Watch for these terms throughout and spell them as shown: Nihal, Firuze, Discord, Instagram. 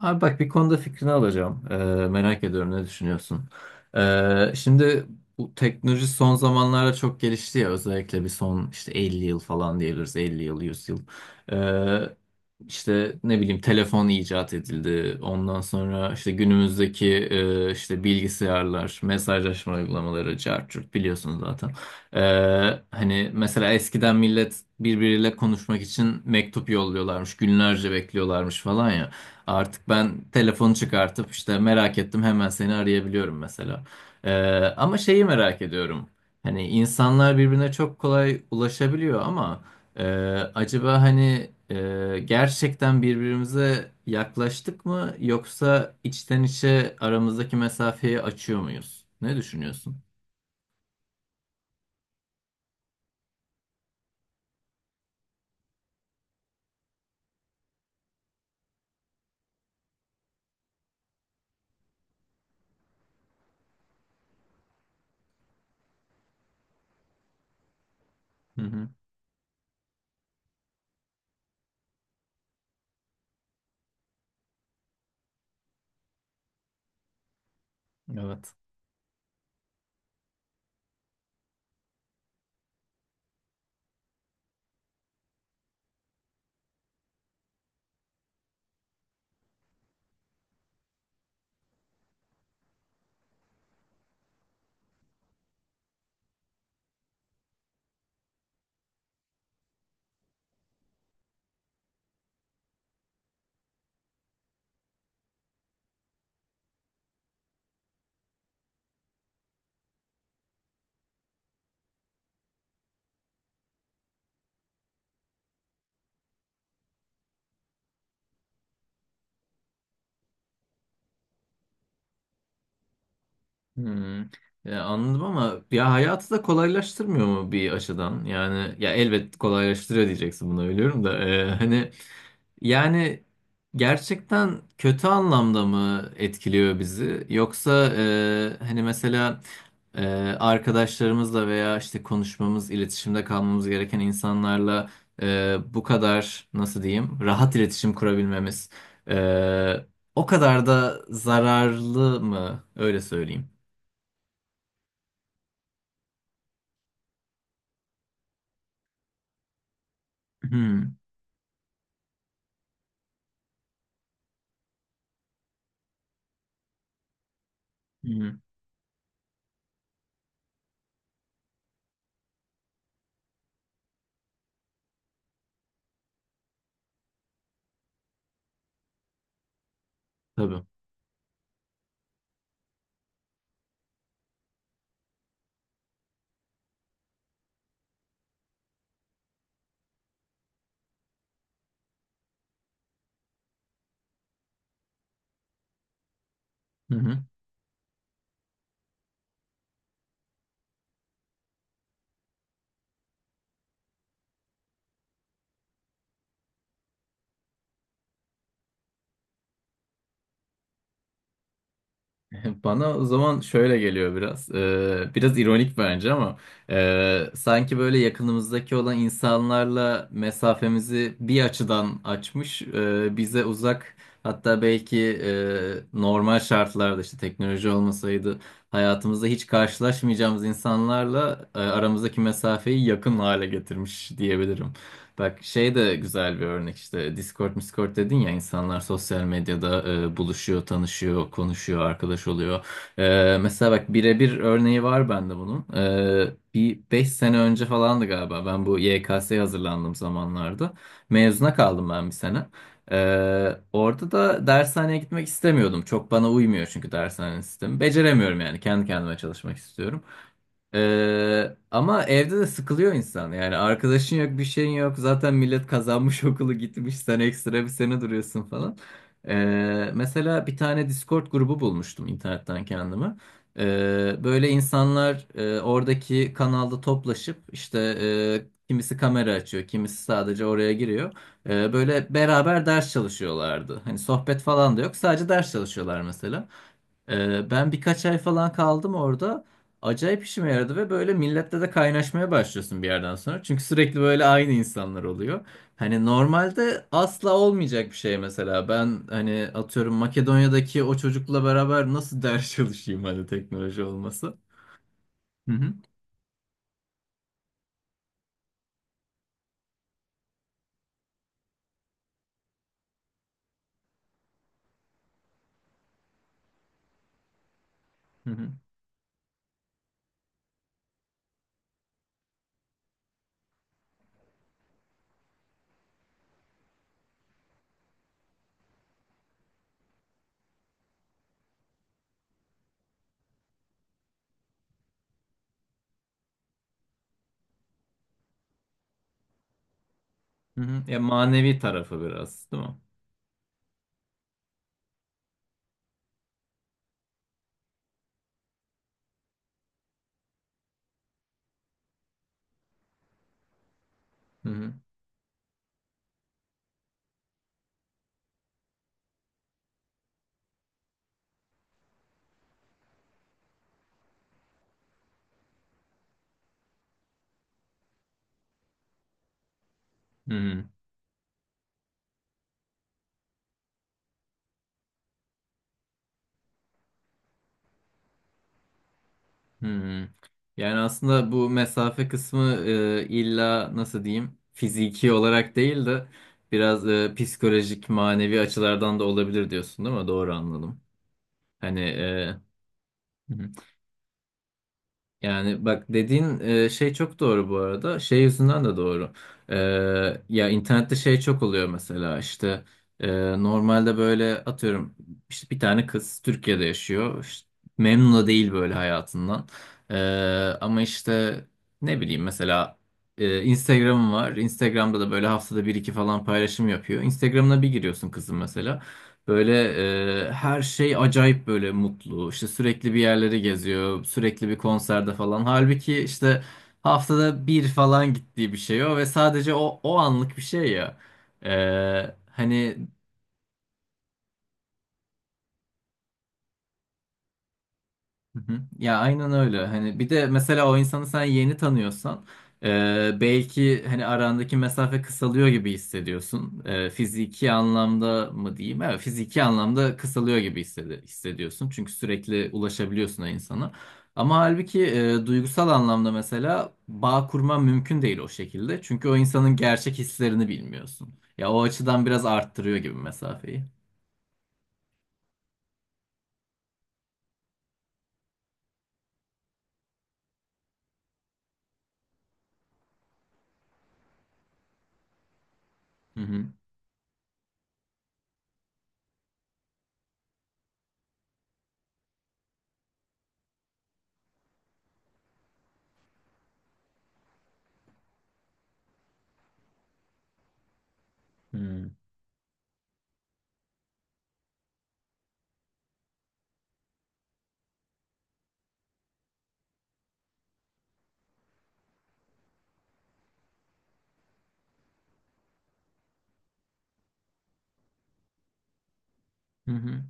Abi bak bir konuda fikrini alacağım. Merak ediyorum ne düşünüyorsun? Şimdi bu teknoloji son zamanlarda çok gelişti ya özellikle bir son işte 50 yıl falan diyebiliriz 50 yıl 100 yıl. Ee, işte ne bileyim telefon icat edildi. Ondan sonra işte günümüzdeki işte bilgisayarlar, mesajlaşma uygulamaları, cart curt biliyorsunuz zaten. Ee, hani mesela eskiden millet birbiriyle konuşmak için mektup yolluyorlarmış, günlerce bekliyorlarmış falan ya. Artık ben telefonu çıkartıp işte merak ettim hemen seni arayabiliyorum mesela. Ee, ama şeyi merak ediyorum. Hani insanlar birbirine çok kolay ulaşabiliyor ama e, acaba hani gerçekten birbirimize yaklaştık mı yoksa içten içe aramızdaki mesafeyi açıyor muyuz? Ne düşünüyorsun? Hı hı. Evet. Hmm. Ya anladım ama ya hayatı da kolaylaştırmıyor mu bir açıdan? Yani ya elbet kolaylaştırıyor diyeceksin buna biliyorum da hani yani gerçekten kötü anlamda mı etkiliyor bizi? Yoksa hani mesela e, arkadaşlarımızla veya işte konuşmamız, iletişimde kalmamız gereken insanlarla bu kadar nasıl diyeyim rahat iletişim kurabilmemiz e, o kadar da zararlı mı? Öyle söyleyeyim. Hmm, hmm, tabii. Hı hı. Bana o zaman şöyle geliyor biraz. Biraz ironik bence ama sanki böyle yakınımızdaki olan insanlarla mesafemizi bir açıdan açmış, bize uzak hatta belki normal şartlarda işte teknoloji olmasaydı hayatımızda hiç karşılaşmayacağımız insanlarla aramızdaki mesafeyi yakın hale getirmiş diyebilirim. Bak şey de güzel bir örnek işte Discord, Discord dedin ya insanlar sosyal medyada buluşuyor, tanışıyor, konuşuyor, arkadaş oluyor. Mesela bak birebir örneği var bende bunun. Bir 5 sene önce falandı galiba ben bu YKS'ye hazırlandığım zamanlarda. Mezuna kaldım ben bir sene. Orada da dershaneye gitmek istemiyordum. Çok bana uymuyor çünkü dershane sistemi. Beceremiyorum yani kendi kendime çalışmak istiyorum. Ama evde de sıkılıyor insan. Yani arkadaşın yok, bir şeyin yok. Zaten millet kazanmış okulu gitmiş. Sen ekstra bir sene duruyorsun falan. Mesela bir tane Discord grubu bulmuştum internetten kendime. Böyle insanlar oradaki kanalda toplaşıp işte kimisi kamera açıyor, kimisi sadece oraya giriyor. Böyle beraber ders çalışıyorlardı. Hani sohbet falan da yok. Sadece ders çalışıyorlar mesela. Ben birkaç ay falan kaldım orada acayip işime yaradı ve böyle millette de kaynaşmaya başlıyorsun bir yerden sonra. Çünkü sürekli böyle aynı insanlar oluyor. Hani normalde asla olmayacak bir şey mesela. Ben hani atıyorum Makedonya'daki o çocukla beraber nasıl ders çalışayım hani teknoloji olması. Hı hı. Hı hı. Hı hı. Ya manevi tarafı biraz, değil mi? Hı hı. Hı hı. Hmm. Yani aslında bu mesafe kısmı illa nasıl diyeyim fiziki olarak değil de biraz psikolojik manevi açılardan da olabilir diyorsun değil mi? Doğru anladım. Hani hı. Yani bak dediğin şey çok doğru bu arada. Şey yüzünden de doğru. E, ya internette şey çok oluyor mesela işte normalde böyle atıyorum işte bir tane kız Türkiye'de yaşıyor. İşte memnun da değil böyle hayatından. E, ama işte ne bileyim mesela Instagram'ım var. Instagram'da da böyle haftada bir iki falan paylaşım yapıyor. Instagram'ına bir giriyorsun kızın mesela. Böyle her şey acayip böyle mutlu. İşte sürekli bir yerleri geziyor. Sürekli bir konserde falan. Halbuki işte haftada bir falan gittiği bir şey o ve sadece o anlık bir şey ya. Hani Hı hı. Ya aynen öyle. Hani bir de mesela o insanı sen yeni tanıyorsan belki hani arandaki mesafe kısalıyor gibi hissediyorsun. Fiziki anlamda mı diyeyim? Evet, fiziki anlamda kısalıyor gibi hissediyorsun. Çünkü sürekli ulaşabiliyorsun o insana. Ama halbuki duygusal anlamda mesela bağ kurman mümkün değil o şekilde. Çünkü o insanın gerçek hislerini bilmiyorsun. Ya o açıdan biraz arttırıyor gibi mesafeyi. Hı hı. Hmm. Hı hı.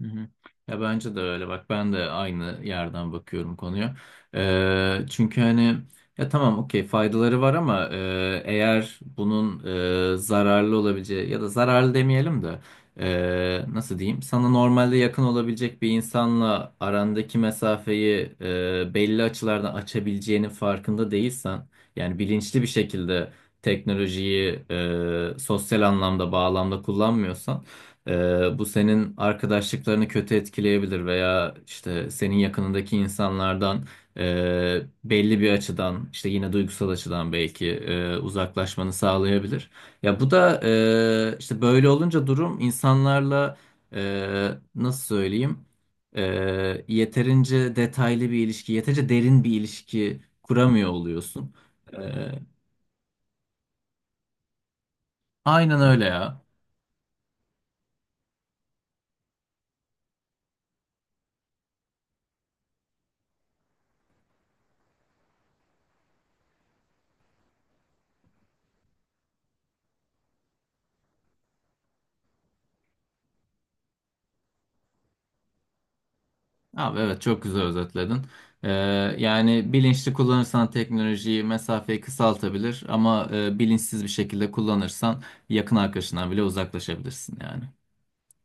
Hı hı. Ya bence de öyle bak ben de aynı yerden bakıyorum konuya. Çünkü hani ya tamam okey faydaları var ama eğer bunun zararlı olabileceği ya da zararlı demeyelim de nasıl diyeyim sana normalde yakın olabilecek bir insanla arandaki mesafeyi belli açılardan açabileceğinin farkında değilsen yani bilinçli bir şekilde teknolojiyi sosyal anlamda bağlamda kullanmıyorsan bu senin arkadaşlıklarını kötü etkileyebilir veya işte senin yakınındaki insanlardan belli bir açıdan işte yine duygusal açıdan belki uzaklaşmanı sağlayabilir. Ya bu da işte böyle olunca durum insanlarla nasıl söyleyeyim E, yeterince detaylı bir ilişki, yeterince derin bir ilişki kuramıyor oluyorsun. E, aynen öyle ya. Abi evet çok güzel özetledin. Ee, yani bilinçli kullanırsan teknolojiyi mesafeyi kısaltabilir ama bilinçsiz bir şekilde kullanırsan yakın arkadaşından bile uzaklaşabilirsin yani.